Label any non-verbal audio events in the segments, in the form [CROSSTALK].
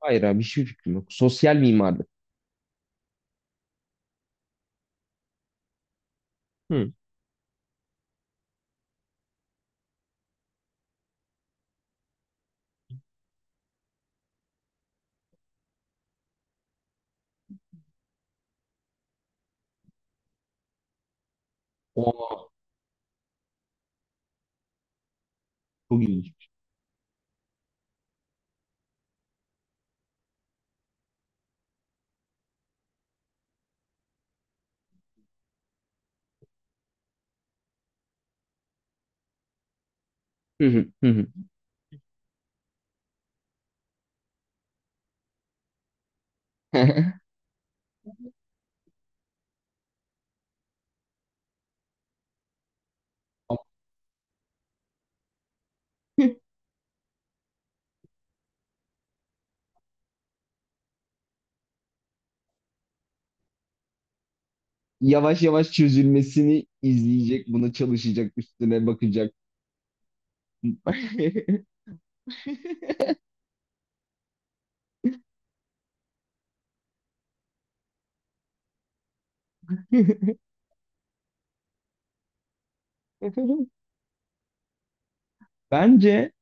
Hayır abi hiçbir fikrim yok. Sosyal mimarlık. Hı. Oo, çok ilginç. Hı hı, hı hı. [LAUGHS] Yavaş yavaş çözülmesini izleyecek, buna çalışacak, üstüne bakacak. [LAUGHS] Bence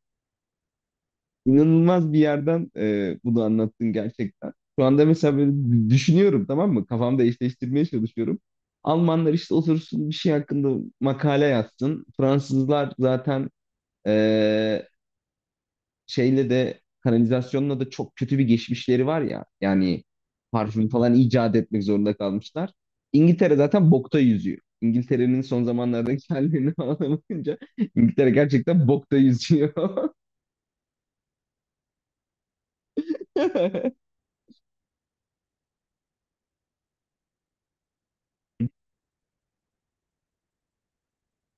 inanılmaz bir yerden bunu anlattın gerçekten. Şu anda mesela böyle düşünüyorum, tamam mı? Kafamda eşleştirmeye çalışıyorum. Almanlar işte otursun bir şey hakkında makale yazsın. Fransızlar zaten şeyle de kanalizasyonla da çok kötü bir geçmişleri var ya. Yani parfüm falan icat etmek zorunda kalmışlar. İngiltere zaten bokta yüzüyor. İngiltere'nin son zamanlardaki [LAUGHS] hallerini falan da bakınca İngiltere gerçekten bokta yüzüyor. [LAUGHS]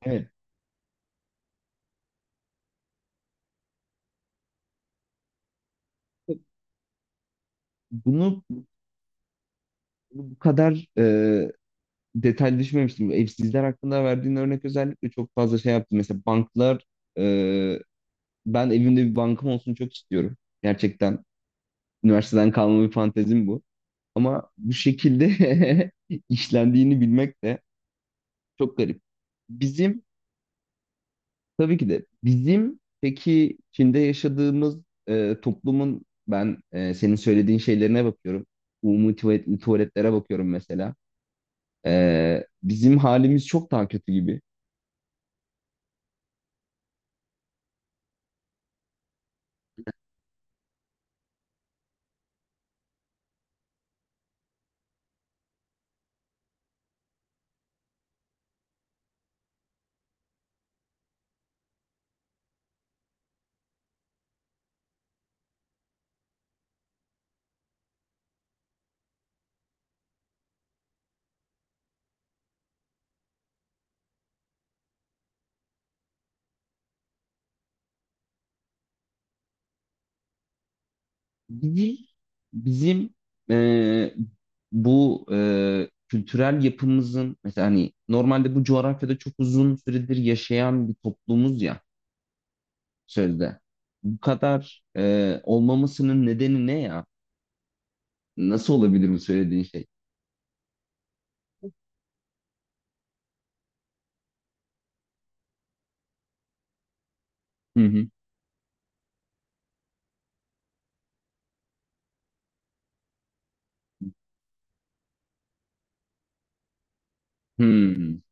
Evet. Bunu bu kadar detaylı düşünmemiştim. Evsizler hakkında verdiğin örnek özellikle çok fazla şey yaptım. Mesela banklar, e, ben evimde bir bankam olsun çok istiyorum. Gerçekten üniversiteden kalma bir fantezim bu. Ama bu şekilde [LAUGHS] işlendiğini bilmek de çok garip. Bizim, tabii ki de bizim, peki Çin'de yaşadığımız toplumun, ben, senin söylediğin şeylerine bakıyorum. Umumi tuvaletlere bakıyorum mesela. Bizim halimiz çok daha kötü gibi. Bizim bizim e, bu kültürel yapımızın, mesela, hani normalde bu coğrafyada çok uzun süredir yaşayan bir toplumuz ya. Sözde. Bu kadar olmamasının nedeni ne ya? Nasıl olabilir bu söylediğin şey? Hı hı. Hmm.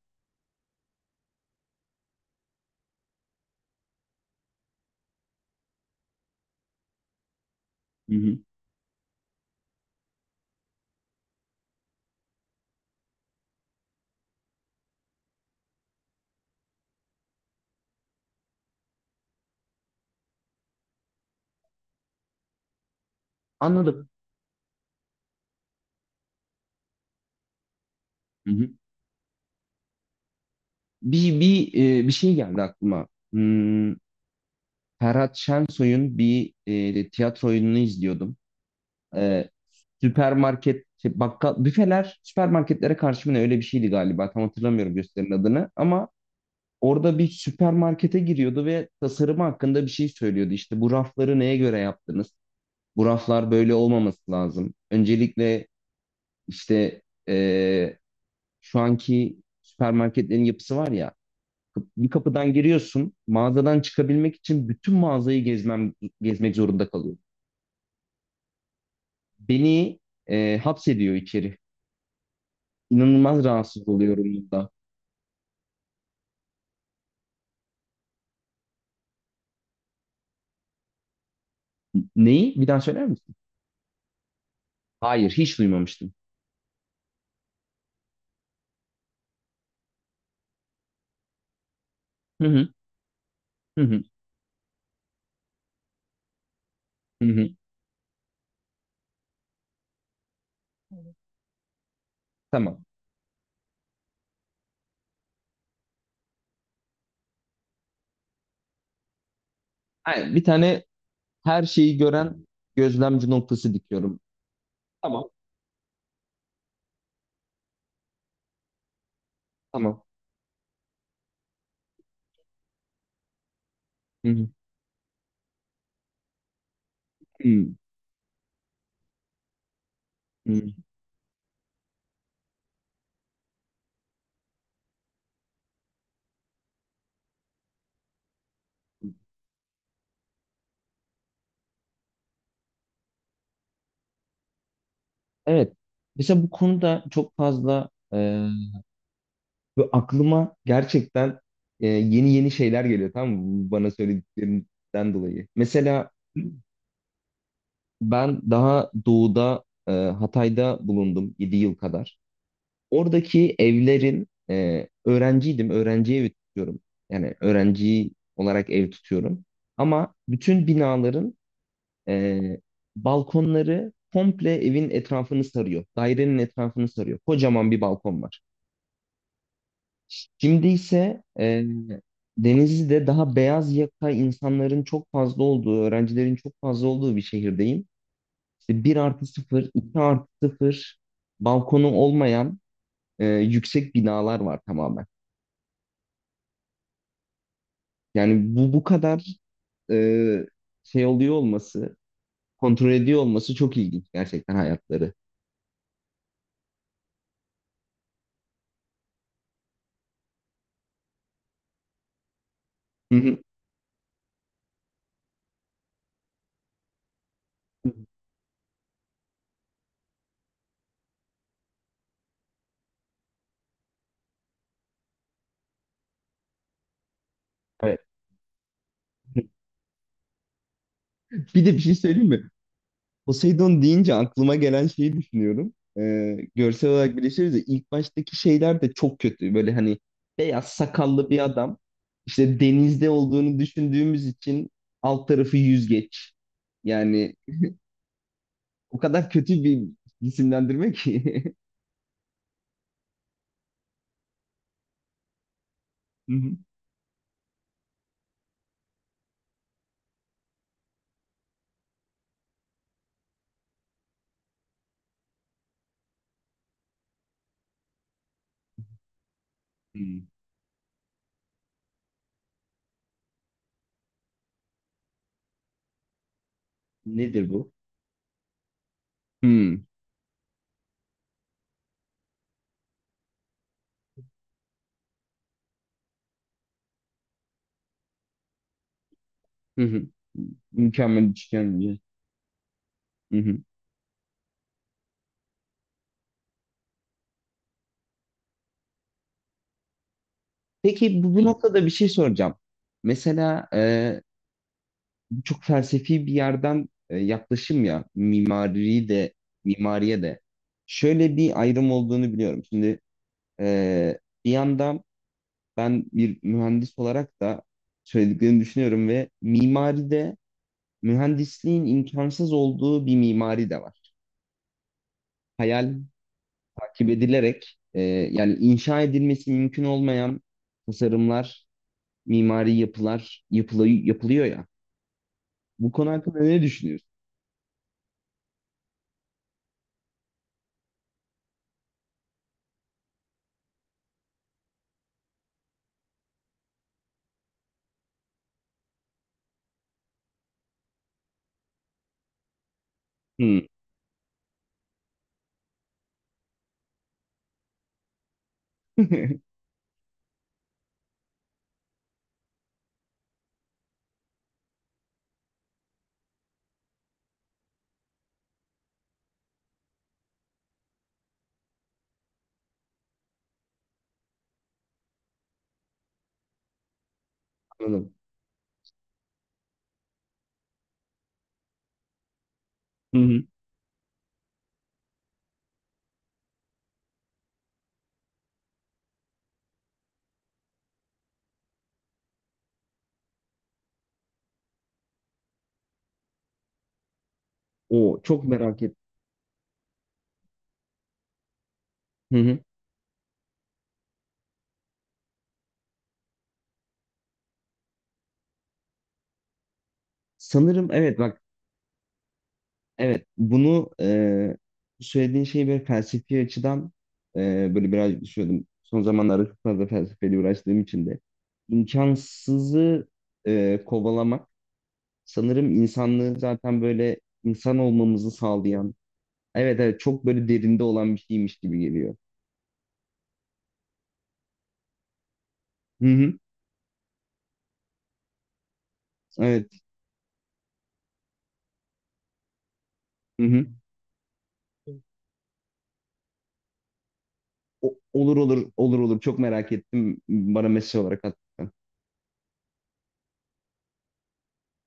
Hı hı. Anladım. Hı hı. Bir şey geldi aklıma. Hmm, Ferhat Şensoy'un bir tiyatro oyununu izliyordum. E, süpermarket şey, bakkal büfeler süpermarketlere karşı mı ne, öyle bir şeydi galiba. Tam hatırlamıyorum gösterinin adını ama orada bir süpermarkete giriyordu ve tasarımı hakkında bir şey söylüyordu. İşte bu rafları neye göre yaptınız? Bu raflar böyle olmaması lazım. Öncelikle işte eee, şu anki süpermarketlerin yapısı var ya, bir kapıdan giriyorsun, mağazadan çıkabilmek için bütün mağazayı gezmek zorunda kalıyorum. Beni hapsediyor içeri. İnanılmaz rahatsız oluyorum bundan. Neyi? Bir daha söyler misin? Hayır, hiç duymamıştım. Hı hı, hı hı, hı hı. Tamam. Hayır, bir tane her şeyi gören gözlemci noktası dikiyorum. Tamam, tamam. Hı hı, hı hı. Evet. Mesela bu konuda çok fazla böyle aklıma gerçekten yeni yeni şeyler geliyor, tamam mı? Bu, bana söylediklerinden dolayı. Mesela ben daha doğuda, Hatay'da bulundum 7 yıl kadar. Oradaki evlerin, öğrenciydim. Öğrenci evi tutuyorum. Yani öğrenci olarak ev tutuyorum. Ama bütün binaların e, balkonları komple evin etrafını sarıyor. Dairenin etrafını sarıyor. Kocaman bir balkon var. Şimdi ise Denizli'de, daha beyaz yaka insanların çok fazla olduğu, öğrencilerin çok fazla olduğu bir şehirdeyim. İşte 1 artı sıfır, 2+0, balkonu olmayan, yüksek binalar var tamamen. Yani bu kadar e, şey oluyor olması, kontrol ediyor olması çok ilginç gerçekten hayatları. Hı hı. Evet. Bir de bir şey söyleyeyim mi? Poseidon deyince aklıma gelen şeyi düşünüyorum. Görsel olarak birleşiriz de ilk baştaki şeyler de çok kötü. Böyle hani beyaz sakallı bir adam, işte denizde olduğunu düşündüğümüz için, alt tarafı yüzgeç. Yani o kadar kötü bir isimlendirme ki. [LAUGHS] Hı hı. Hmm. Nedir bu? Hmm. Hı hı. Mükemmel üçgen. Hı hı. Peki, bu noktada bir şey soracağım. Mesela çok felsefi bir yerden yaklaşım ya, mimari de, mimariye de şöyle bir ayrım olduğunu biliyorum. Şimdi e, bir yandan ben bir mühendis olarak da söylediklerini düşünüyorum ve mimaride mühendisliğin imkansız olduğu bir mimari de var. Hayal takip edilerek, yani inşa edilmesi mümkün olmayan tasarımlar, mimari yapılar yapılıyor ya. Bu konu hakkında ne düşünüyorsun? Hmm. [LAUGHS] Anladım. Hı hı. O çok merak ettim. Hı hı. Sanırım evet, bak, evet, bunu, söylediğin şeyi böyle felsefi açıdan böyle birazcık düşünüyordum. Son zamanlarda çok fazla felsefeyle uğraştığım için de imkansızı kovalamak, sanırım insanlığı, zaten böyle insan olmamızı sağlayan, evet, evet, çok böyle derinde olan bir şeymiş gibi geliyor. Hı hı. Evet. Hı hı. Olur, olur, olur, olur, çok merak ettim. Bana mesaj olarak at.